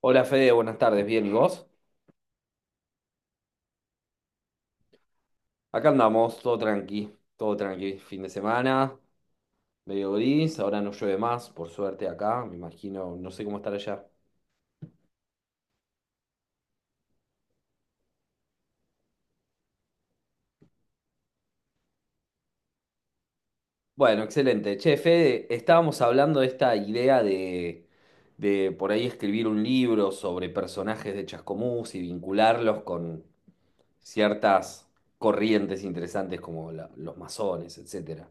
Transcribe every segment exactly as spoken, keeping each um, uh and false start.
Hola Fede, buenas tardes, bien, ¿y vos? Acá andamos, todo tranqui, todo tranqui, fin de semana, medio gris, ahora no llueve más, por suerte acá, me imagino, no sé cómo estar allá. Bueno, excelente. Che, Fede, estábamos hablando de esta idea de, de por ahí escribir un libro sobre personajes de Chascomús y vincularlos con ciertas corrientes interesantes como la- los masones, etcétera.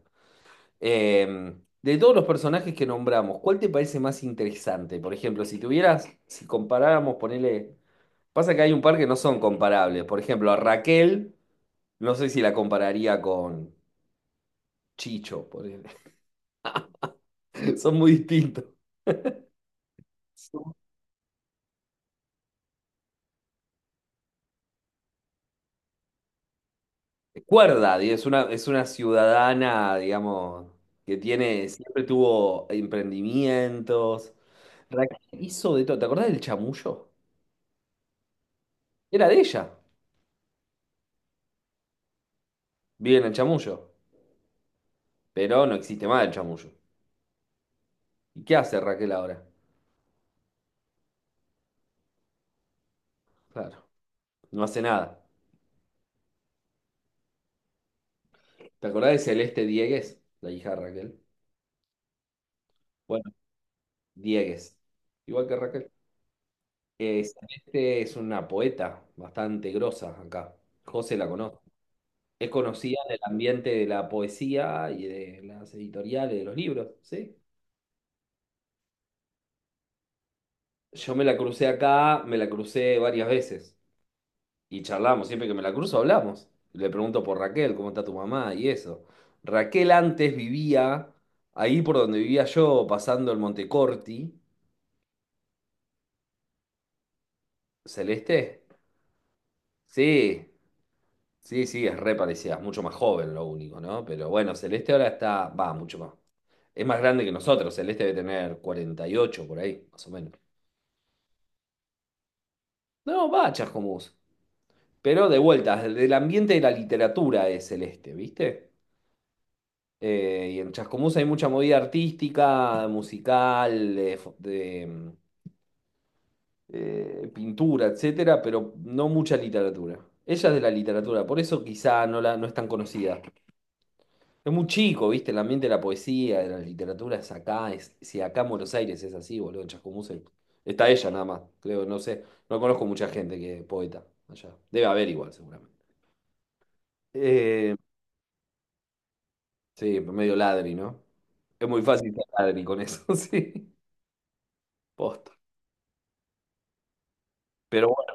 Em, de todos los personajes que nombramos, ¿cuál te parece más interesante? Por ejemplo, si tuvieras, si comparáramos, ponele. Pasa que hay un par que no son comparables. Por ejemplo, a Raquel, no sé si la compararía con Chicho, ponele. Son muy distintos. Cuerda, di- es una, es una ciudadana, digamos, que tiene, siempre tuvo emprendimientos. Raquel hizo de todo. ¿Te acordás del Chamullo? Era de ella. Vive en el Chamullo, pero no existe más el Chamullo. ¿Y qué hace Raquel ahora? Claro, no hace nada. ¿Te acordás de Celeste Diegues, la hija de Raquel? Bueno, Diegues, igual que Raquel. Eh, Celeste es una poeta bastante grosa acá. José la conoce. Es conocida en el ambiente de la poesía y de las editoriales, de los libros, ¿sí? Yo me la crucé acá, me la crucé varias veces. Y charlamos, siempre que me la cruzo hablamos. Le pregunto por Raquel, cómo está tu mamá y eso. Raquel antes vivía ahí por donde vivía yo, pasando el Montecorti. ¿Celeste? Sí, sí, sí, es re parecida, es mucho más joven lo único, ¿no? Pero bueno, Celeste ahora está, va, mucho más. Es más grande que nosotros, Celeste debe tener cuarenta y ocho por ahí, más o menos. No, va, Chascomús. Pero de vuelta, del ambiente de la literatura es Celeste, ¿viste? Eh, y en Chascomús hay mucha movida artística, musical, de, fo- de, mm, eh, pintura, etcétera, pero no mucha literatura. Ella es de la literatura, por eso quizá no, la, no es tan conocida. Es muy chico, ¿viste? El ambiente de la poesía, de la literatura es acá. Es, si acá en Buenos Aires es así, boludo, en Chascomús es- está ella nada más, creo, no sé. No conozco mucha gente que es poeta allá. Debe haber igual, seguramente. Eh, sí, medio ladri, ¿no? Es muy fácil ser ladri con eso, sí. Posta. Pero bueno,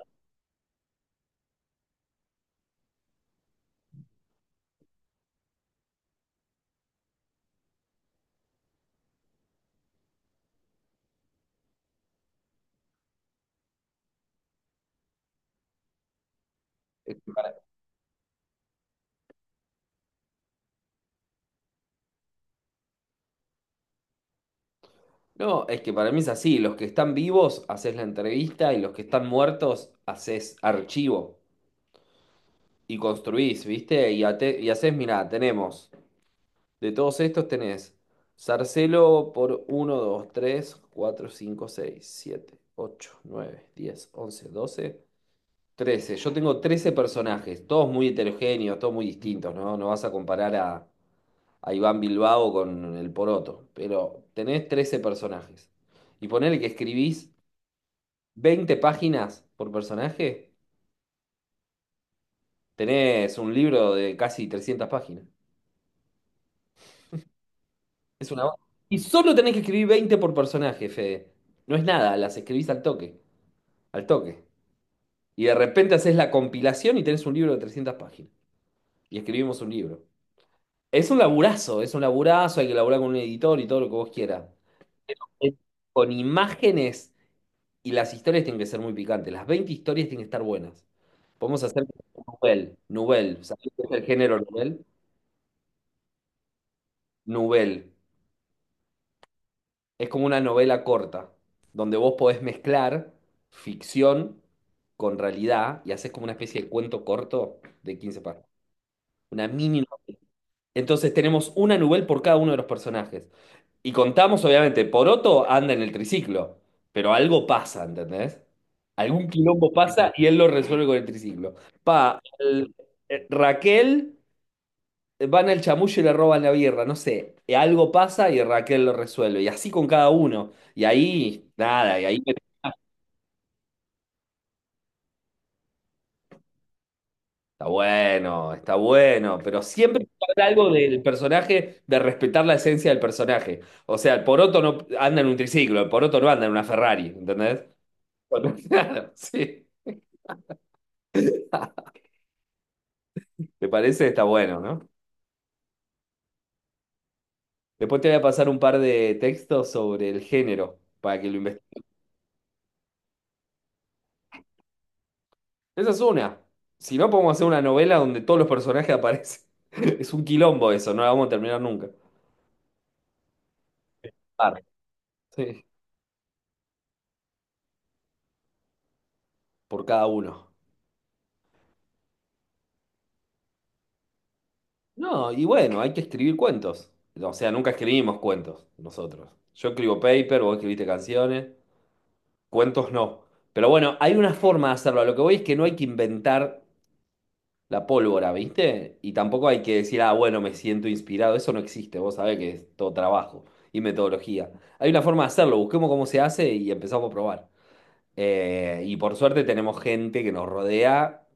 es que para- no, es que para mí es así. Los que están vivos, haces la entrevista y los que están muertos, haces archivo y construís, ¿viste? Y, ate- y haces, mirá, tenemos, de todos estos tenés Sarcelo por uno dos tres cuatro cinco seis siete ocho nueve diez once doce trece. Yo tengo trece personajes, todos muy heterogéneos, todos muy distintos, ¿no? No vas a comparar a... a Iván Bilbao con el Poroto, pero tenés trece personajes. Y ponele que escribís veinte páginas por personaje, tenés un libro de casi trescientas páginas. Es una... banda. Y solo tenés que escribir veinte por personaje, Fede. No es nada, las escribís al toque, al toque. Y de repente haces la compilación y tenés un libro de trescientas páginas. Y escribimos un libro. Es un laburazo, es un laburazo, hay que laburar con un editor y todo lo que vos quieras. Es Con imágenes. Y las historias tienen que ser muy picantes. Las veinte historias tienen que estar buenas. Podemos hacer novel, novel. ¿Sabés qué es el género novel? Novel. Es como una novela corta, donde vos podés mezclar ficción con realidad y haces como una especie de cuento corto de quince páginas. Una mini. Entonces tenemos una novel por cada uno de los personajes. Y contamos, obviamente, Poroto anda en el triciclo, pero algo pasa, ¿entendés? Algún quilombo pasa y él lo resuelve con el triciclo. Pa, el- eh, Raquel, van al chamuyo y le roban la birra, no sé. Eh, Algo pasa y Raquel lo resuelve. Y así con cada uno. Y ahí, nada, y ahí está bueno, está bueno. Pero siempre habrá algo del personaje, de respetar la esencia del personaje. O sea, el Poroto no anda en un triciclo, el Poroto no anda en una Ferrari, ¿entendés? Claro, sí. ¿Te parece? Está bueno, ¿no? Después te voy a pasar un par de textos sobre el género para que lo investigues. Esa es una. Si no, podemos hacer una novela donde todos los personajes aparecen. Es un quilombo eso, no la vamos a terminar nunca. Par, sí, por cada uno. No, y bueno, hay que escribir cuentos. O sea, nunca escribimos cuentos nosotros. Yo escribo paper, vos escribiste canciones, cuentos no. Pero bueno, hay una forma de hacerlo. A lo que voy es que no hay que inventar la pólvora, ¿viste? Y tampoco hay que decir, ah, bueno, me siento inspirado. Eso no existe, vos sabés que es todo trabajo y metodología. Hay una forma de hacerlo, busquemos cómo se hace y empezamos a probar. Eh, y por suerte tenemos gente que nos rodea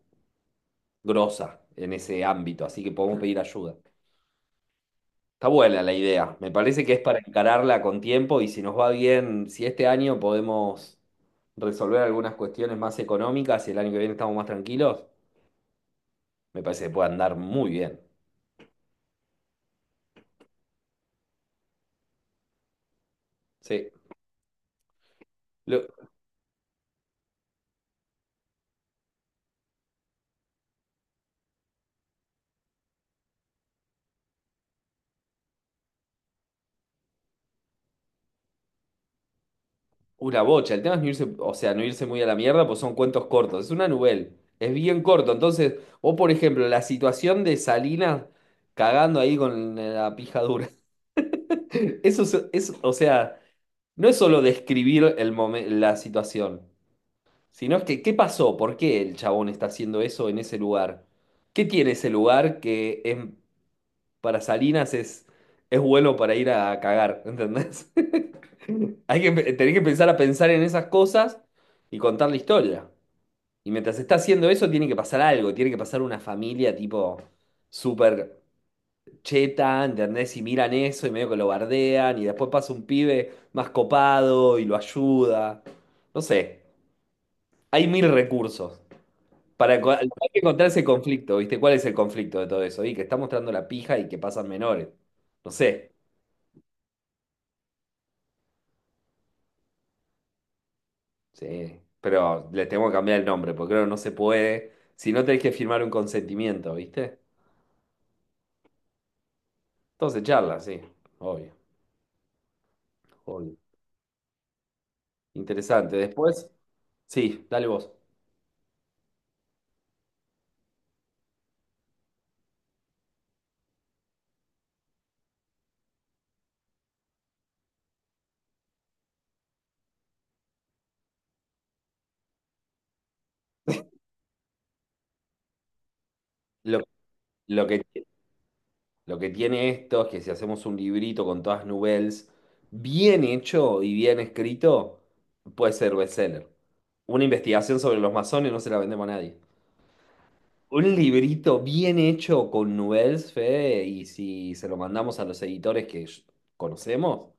grosa en ese ámbito, así que podemos pedir ayuda. Está buena la idea, me parece que es para encararla con tiempo y si nos va bien, si este año podemos resolver algunas cuestiones más económicas y el año que viene estamos más tranquilos, me parece que puede andar muy bien. Sí. Lo- Una bocha. El tema es no irse, o sea, no irse muy a la mierda, pues son cuentos cortos. Es una novela. Es bien corto. Entonces, o por ejemplo, la situación de Salinas cagando ahí con la pija dura. Eso es, es- o sea, no es solo describir el momen- la situación, sino es que, ¿qué pasó? ¿Por qué el chabón está haciendo eso en ese lugar? ¿Qué tiene ese lugar que en- para Salinas es, es bueno para ir a cagar? ¿Entendés? Hay que, empe- tenés que empezar a pensar en esas cosas y contar la historia. Y mientras está haciendo eso, tiene que pasar algo, tiene que pasar una familia tipo súper cheta, ¿entendés? Y miran eso y medio que lo bardean y después pasa un pibe más copado y lo ayuda. No sé, hay mil recursos. Para, co- hay que encontrar ese conflicto, ¿viste? ¿Cuál es el conflicto de todo eso? Y que está mostrando la pija y que pasan menores. No sé. Sí, pero le tengo que cambiar el nombre, porque creo que no se puede. Si no tenés que firmar un consentimiento, ¿viste? Entonces charla, sí, obvio, obvio. Interesante. Después, sí, dale vos. Lo, lo que, lo que tiene esto es que si hacemos un librito con todas nouvelles, bien hecho y bien escrito, puede ser bestseller. Una investigación sobre los masones no se la vendemos a nadie. Un librito bien hecho con nouvelles, Fede, y si se lo mandamos a los editores que conocemos.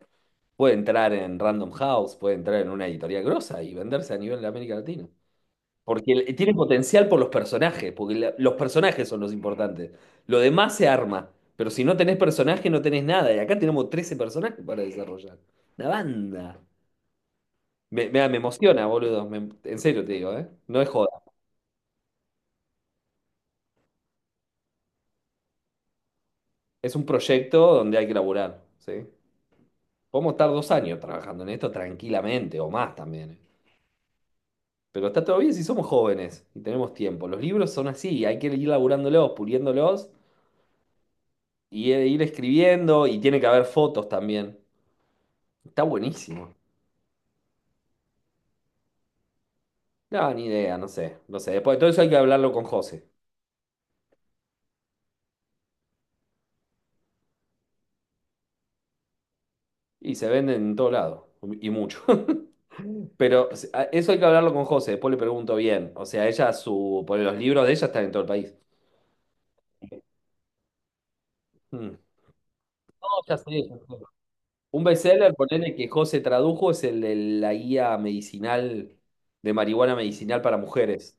Puede entrar en Random House, puede entrar en una editorial grosa y venderse a nivel de América Latina. Porque el- tiene potencial por los personajes, porque la- los personajes son los importantes. Lo demás se arma, pero si no tenés personaje no tenés nada. Y acá tenemos trece personajes para desarrollar. Una banda. Me, me, me emociona, boludo. Me- en serio te digo, ¿eh? No es joda. Es un proyecto donde hay que laburar, ¿sí? Podemos estar dos años trabajando en esto tranquilamente, o más también. ¿Eh? Pero está todo bien si somos jóvenes y tenemos tiempo. Los libros son así, hay que ir laburándolos, puliéndolos y ir ir escribiendo y tiene que haber fotos también. Está buenísimo. No, ni idea, no sé, no sé. Después de todo eso hay que hablarlo con José. Y se venden en todo lado, y mucho. Pero o sea, eso hay que hablarlo con José, después le pregunto bien. O sea, ella, su, por los libros de ella están en todo el país. Mm. No, ya sé, ya sé. Un bestseller, ponele que José tradujo, es el de la guía medicinal, de marihuana medicinal para mujeres.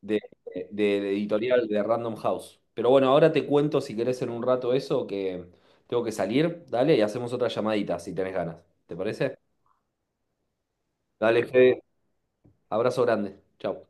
de, de- de editorial de Random House. Pero bueno, ahora te cuento si querés en un rato eso, que tengo que salir, dale, y hacemos otra llamadita si tenés ganas. ¿Te parece? Dale, Fede. Abrazo grande. Chau.